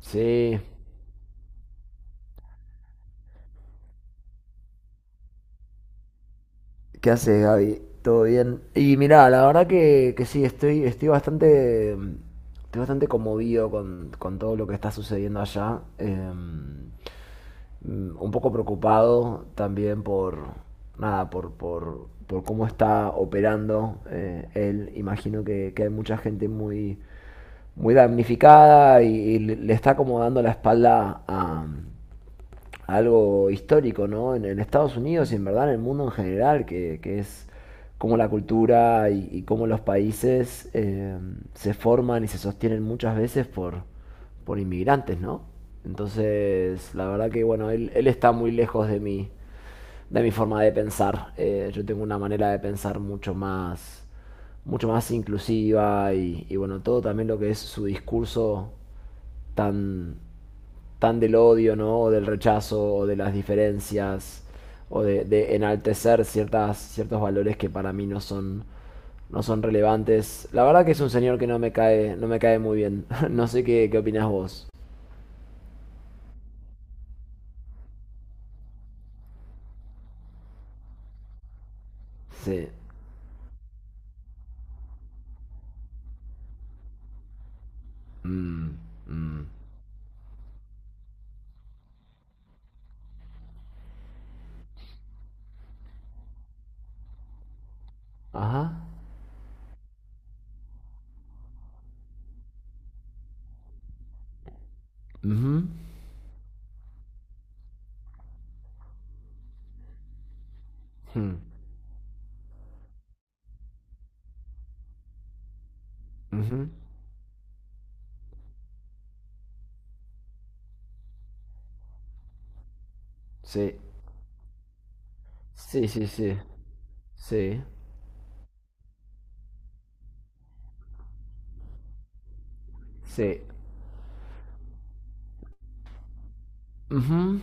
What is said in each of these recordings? Sí. ¿Qué haces, Gaby? ¿Todo bien? Y mirá, la verdad que sí, estoy bastante conmovido con todo lo que está sucediendo allá. Un poco preocupado también nada, por cómo está operando él. Imagino que hay mucha gente muy, muy damnificada y le está como dando la espalda a algo histórico, ¿no? En Estados Unidos y en verdad en el mundo en general, que es cómo la cultura y cómo los países se forman y se sostienen muchas veces por inmigrantes, ¿no? Entonces, la verdad que, bueno, él está muy lejos de mi forma de pensar. Yo tengo una manera de pensar mucho más inclusiva y, bueno, todo también lo que es su discurso tan tan del odio, ¿no? O del rechazo, o de las diferencias, o de enaltecer ciertas, ciertos valores que para mí no son relevantes. La verdad que es un señor que no me cae muy bien. No sé qué opinás vos. Sí. Mm, mm. Ajá. Mhm. Hmm. Mhm. Sí. Sí, sí, sí. Sí. Sí. Mhm.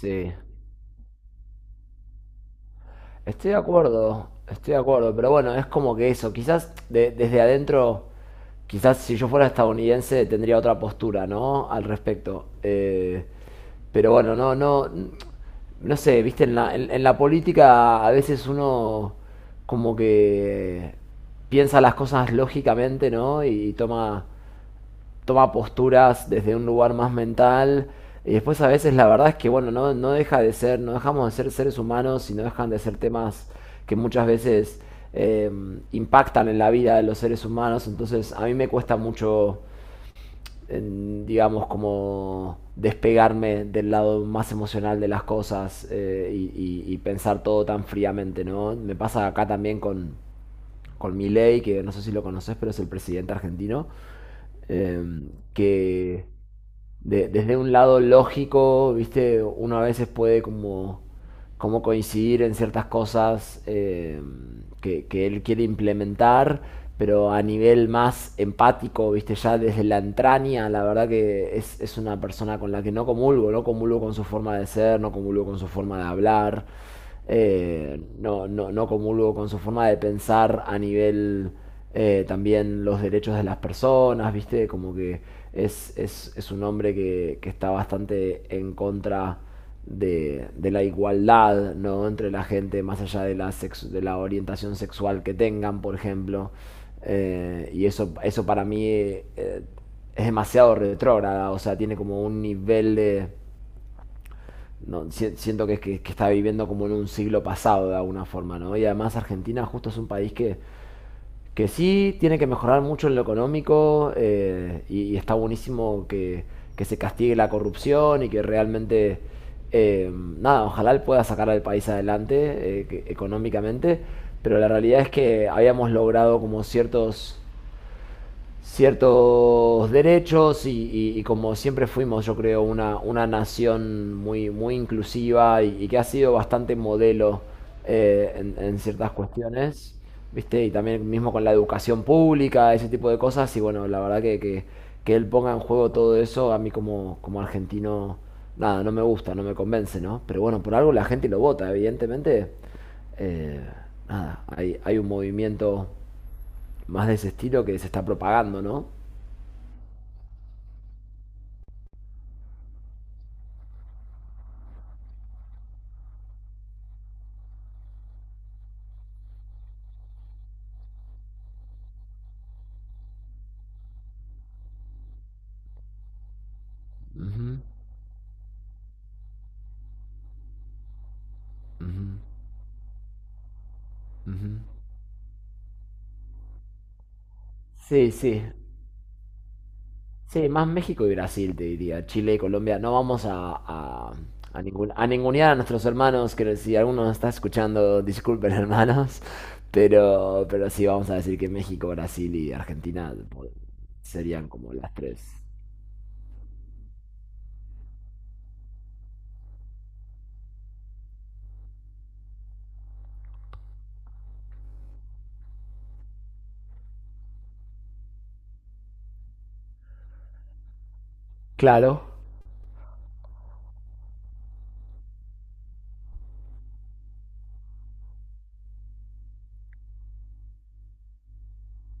Sí. Estoy de acuerdo, pero bueno, es como que eso, quizás desde adentro, quizás si yo fuera estadounidense tendría otra postura, ¿no? Al respecto. Pero bueno, no, no, no sé, viste, en la política a veces uno como que piensa las cosas lógicamente, ¿no? Y toma posturas desde un lugar más mental. Y después a veces la verdad es que, bueno, no, no deja de ser, no dejamos de ser seres humanos y no dejan de ser temas que muchas veces eh, impactan en la vida de los seres humanos. Entonces a mí me cuesta mucho, digamos, como despegarme del lado más emocional de las cosas y pensar todo tan fríamente, ¿no? Me pasa acá también con Milei, que no sé si lo conoces, pero es el presidente argentino. eh, que Desde un lado lógico, viste, uno a veces puede como coincidir en ciertas cosas que él quiere implementar, pero a nivel más empático, viste, ya desde la entraña, la verdad que es una persona con la que no comulgo, no comulgo con su forma de ser, no comulgo con su forma de hablar no, no, no comulgo con su forma de pensar a nivel también los derechos de las personas, ¿viste? Como que es un hombre que está bastante en contra de la igualdad, ¿no? Entre la gente, más allá de la orientación sexual que tengan, por ejemplo. Y eso para mí es demasiado retrógrada, o sea, tiene como un nivel de no, siento que está viviendo como en un siglo pasado de alguna forma, ¿no? Y además Argentina justo es un país que sí tiene que mejorar mucho en lo económico y está buenísimo que se castigue la corrupción y que realmente, nada, ojalá él pueda sacar al país adelante económicamente, pero la realidad es que habíamos logrado como ciertos derechos y como siempre fuimos, yo creo, una nación muy, muy inclusiva y que ha sido bastante modelo en ciertas cuestiones, ¿viste? Y también mismo con la educación pública, ese tipo de cosas, y bueno, la verdad que él ponga en juego todo eso, a mí como argentino, nada, no me gusta, no me convence, ¿no? Pero bueno, por algo la gente lo vota, evidentemente. eh, Nada, hay un movimiento más de ese estilo que se está propagando, ¿no? Ujú, ujú, ujú. Sí, sí. Sí, más México y Brasil, te diría. Chile y Colombia. No vamos a ningunear a nuestros hermanos, que si alguno nos está escuchando, disculpen hermanos. Pero sí vamos a decir que México, Brasil y Argentina serían como las tres. Claro.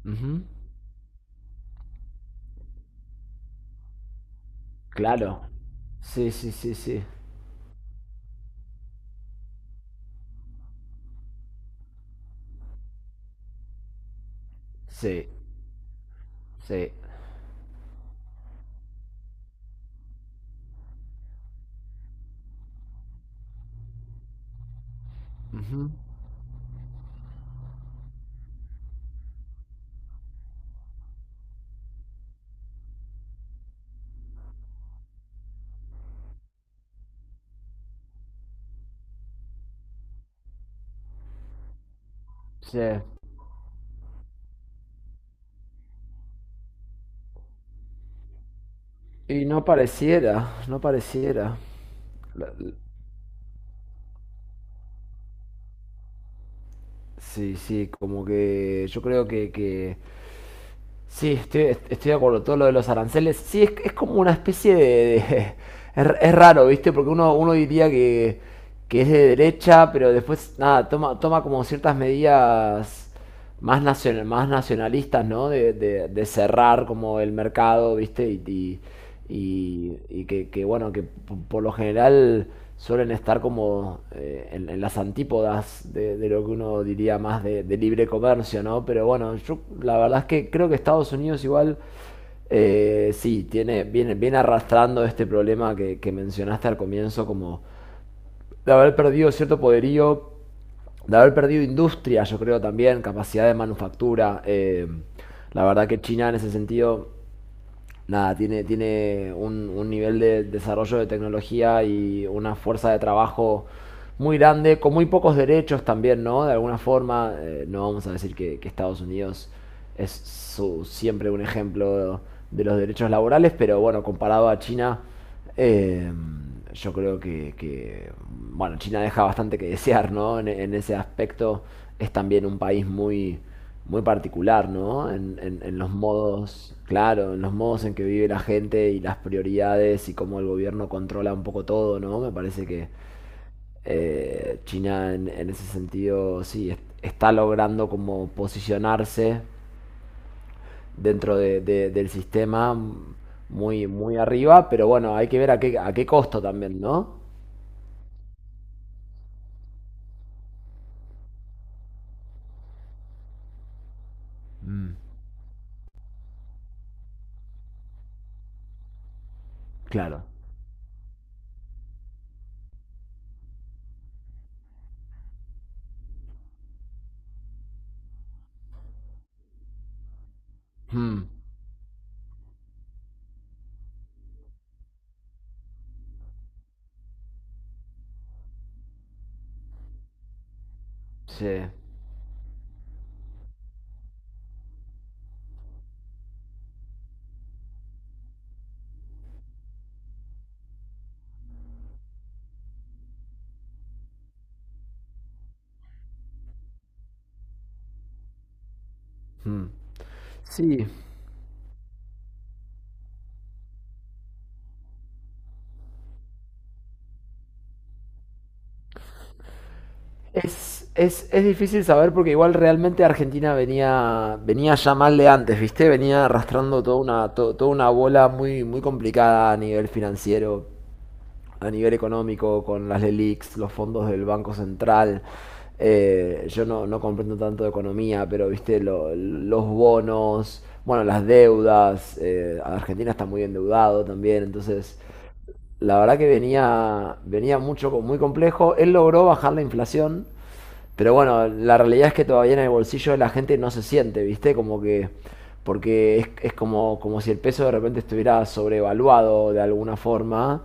Ujú. Claro. Sí, sí, sí, sí. Sí, sí. Ujú. Sí. Y no pareciera, no pareciera. Sí, sí, como que yo creo sí, estoy de acuerdo, todo lo de los aranceles, sí, es como una especie de. Es raro, ¿viste? Porque uno diría que es de derecha, pero después, nada, toma como ciertas medidas más nacionalistas, ¿no? De cerrar como el mercado, ¿viste? Y que, bueno, por lo general suelen estar como en las antípodas de lo que uno diría más de libre comercio, ¿no? Pero bueno, yo la verdad es que creo que Estados Unidos igual sí, tiene, viene arrastrando este problema que mencionaste al comienzo, como de haber perdido cierto poderío, de haber perdido industria, yo creo también, capacidad de manufactura. La verdad que China en ese sentido nada, tiene un nivel de desarrollo de tecnología y una fuerza de trabajo muy grande, con muy pocos derechos también, ¿no? De alguna forma, no vamos a decir que Estados Unidos es siempre un ejemplo de los derechos laborales, pero bueno, comparado a China, eh, yo creo que, bueno, China deja bastante que desear, ¿no? En ese aspecto es también un país muy, muy particular, ¿no? En los modos, claro, en los modos en que vive la gente y las prioridades y cómo el gobierno controla un poco todo, ¿no? Me parece que China en ese sentido, sí, está logrando como posicionarse dentro del sistema muy, muy arriba, pero bueno, hay que ver a qué costo también, ¿no? Mm, claro. Mm, sí. Mm. Sí, es difícil saber porque igual realmente Argentina venía ya mal de antes, ¿viste? Venía arrastrando toda una bola muy, muy complicada a nivel financiero, a nivel económico, con las LELIQs, los fondos del Banco Central. Yo no, no comprendo tanto de economía, pero viste, los bonos, bueno, las deudas, Argentina está muy endeudado también, entonces la verdad que venía mucho, muy complejo. Él logró bajar la inflación, pero bueno, la realidad es que todavía en el bolsillo de la gente no se siente, ¿viste? Como que porque es como si el peso de repente estuviera sobrevaluado de alguna forma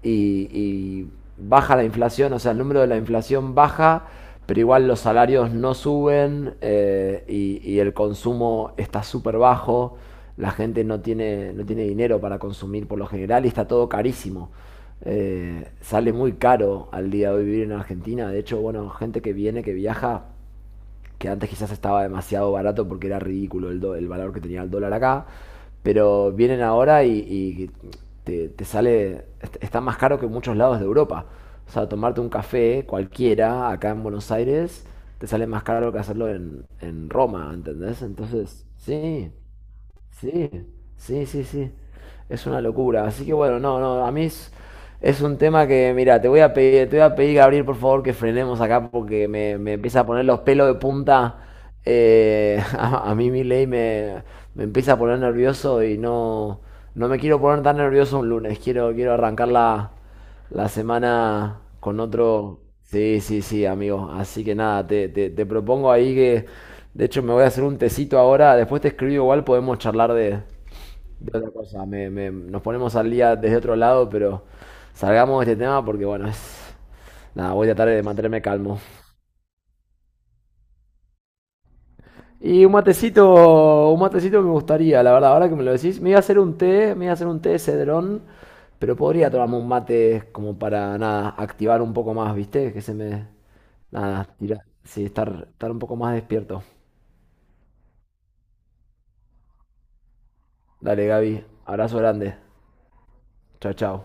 y baja la inflación, o sea, el número de la inflación baja, pero igual los salarios no suben y el consumo está súper bajo, la gente no tiene dinero para consumir por lo general y está todo carísimo. Sale muy caro al día de hoy vivir en Argentina, de hecho, bueno, gente que viene, que viaja, que antes quizás estaba demasiado barato porque era ridículo el valor que tenía el dólar acá, pero vienen ahora y te sale, está más caro que en muchos lados de Europa. O sea, tomarte un café cualquiera acá en Buenos Aires te sale más caro que hacerlo en Roma, ¿entendés? Entonces, sí. Sí, sí, sí, sí. Es una locura. Así que bueno, no, no, a mí es un tema que, mira, te voy a pedir, te voy a pedir, Gabriel, por favor, que frenemos acá porque me empieza a poner los pelos de punta. A mí Milei me empieza a poner nervioso y no, no me quiero poner tan nervioso un lunes. Quiero arrancarla la semana con otro. Sí, sí, sí, amigo. Así que nada, te propongo ahí que. De hecho, me voy a hacer un tecito ahora. Después te escribo igual, podemos charlar de otra cosa. Nos ponemos al día desde otro lado, pero salgamos de este tema porque, bueno, es. Nada, voy a tratar de mantenerme calmo. Y un matecito me gustaría, la verdad, ahora que me lo decís, me iba a hacer un té, me iba a hacer un té de cedrón, pero podría tomarme un mate como para nada, activar un poco más, ¿viste? Que se me nada, tirar, sí, estar un poco más despierto. Dale, Gaby, abrazo grande. Chao, chao.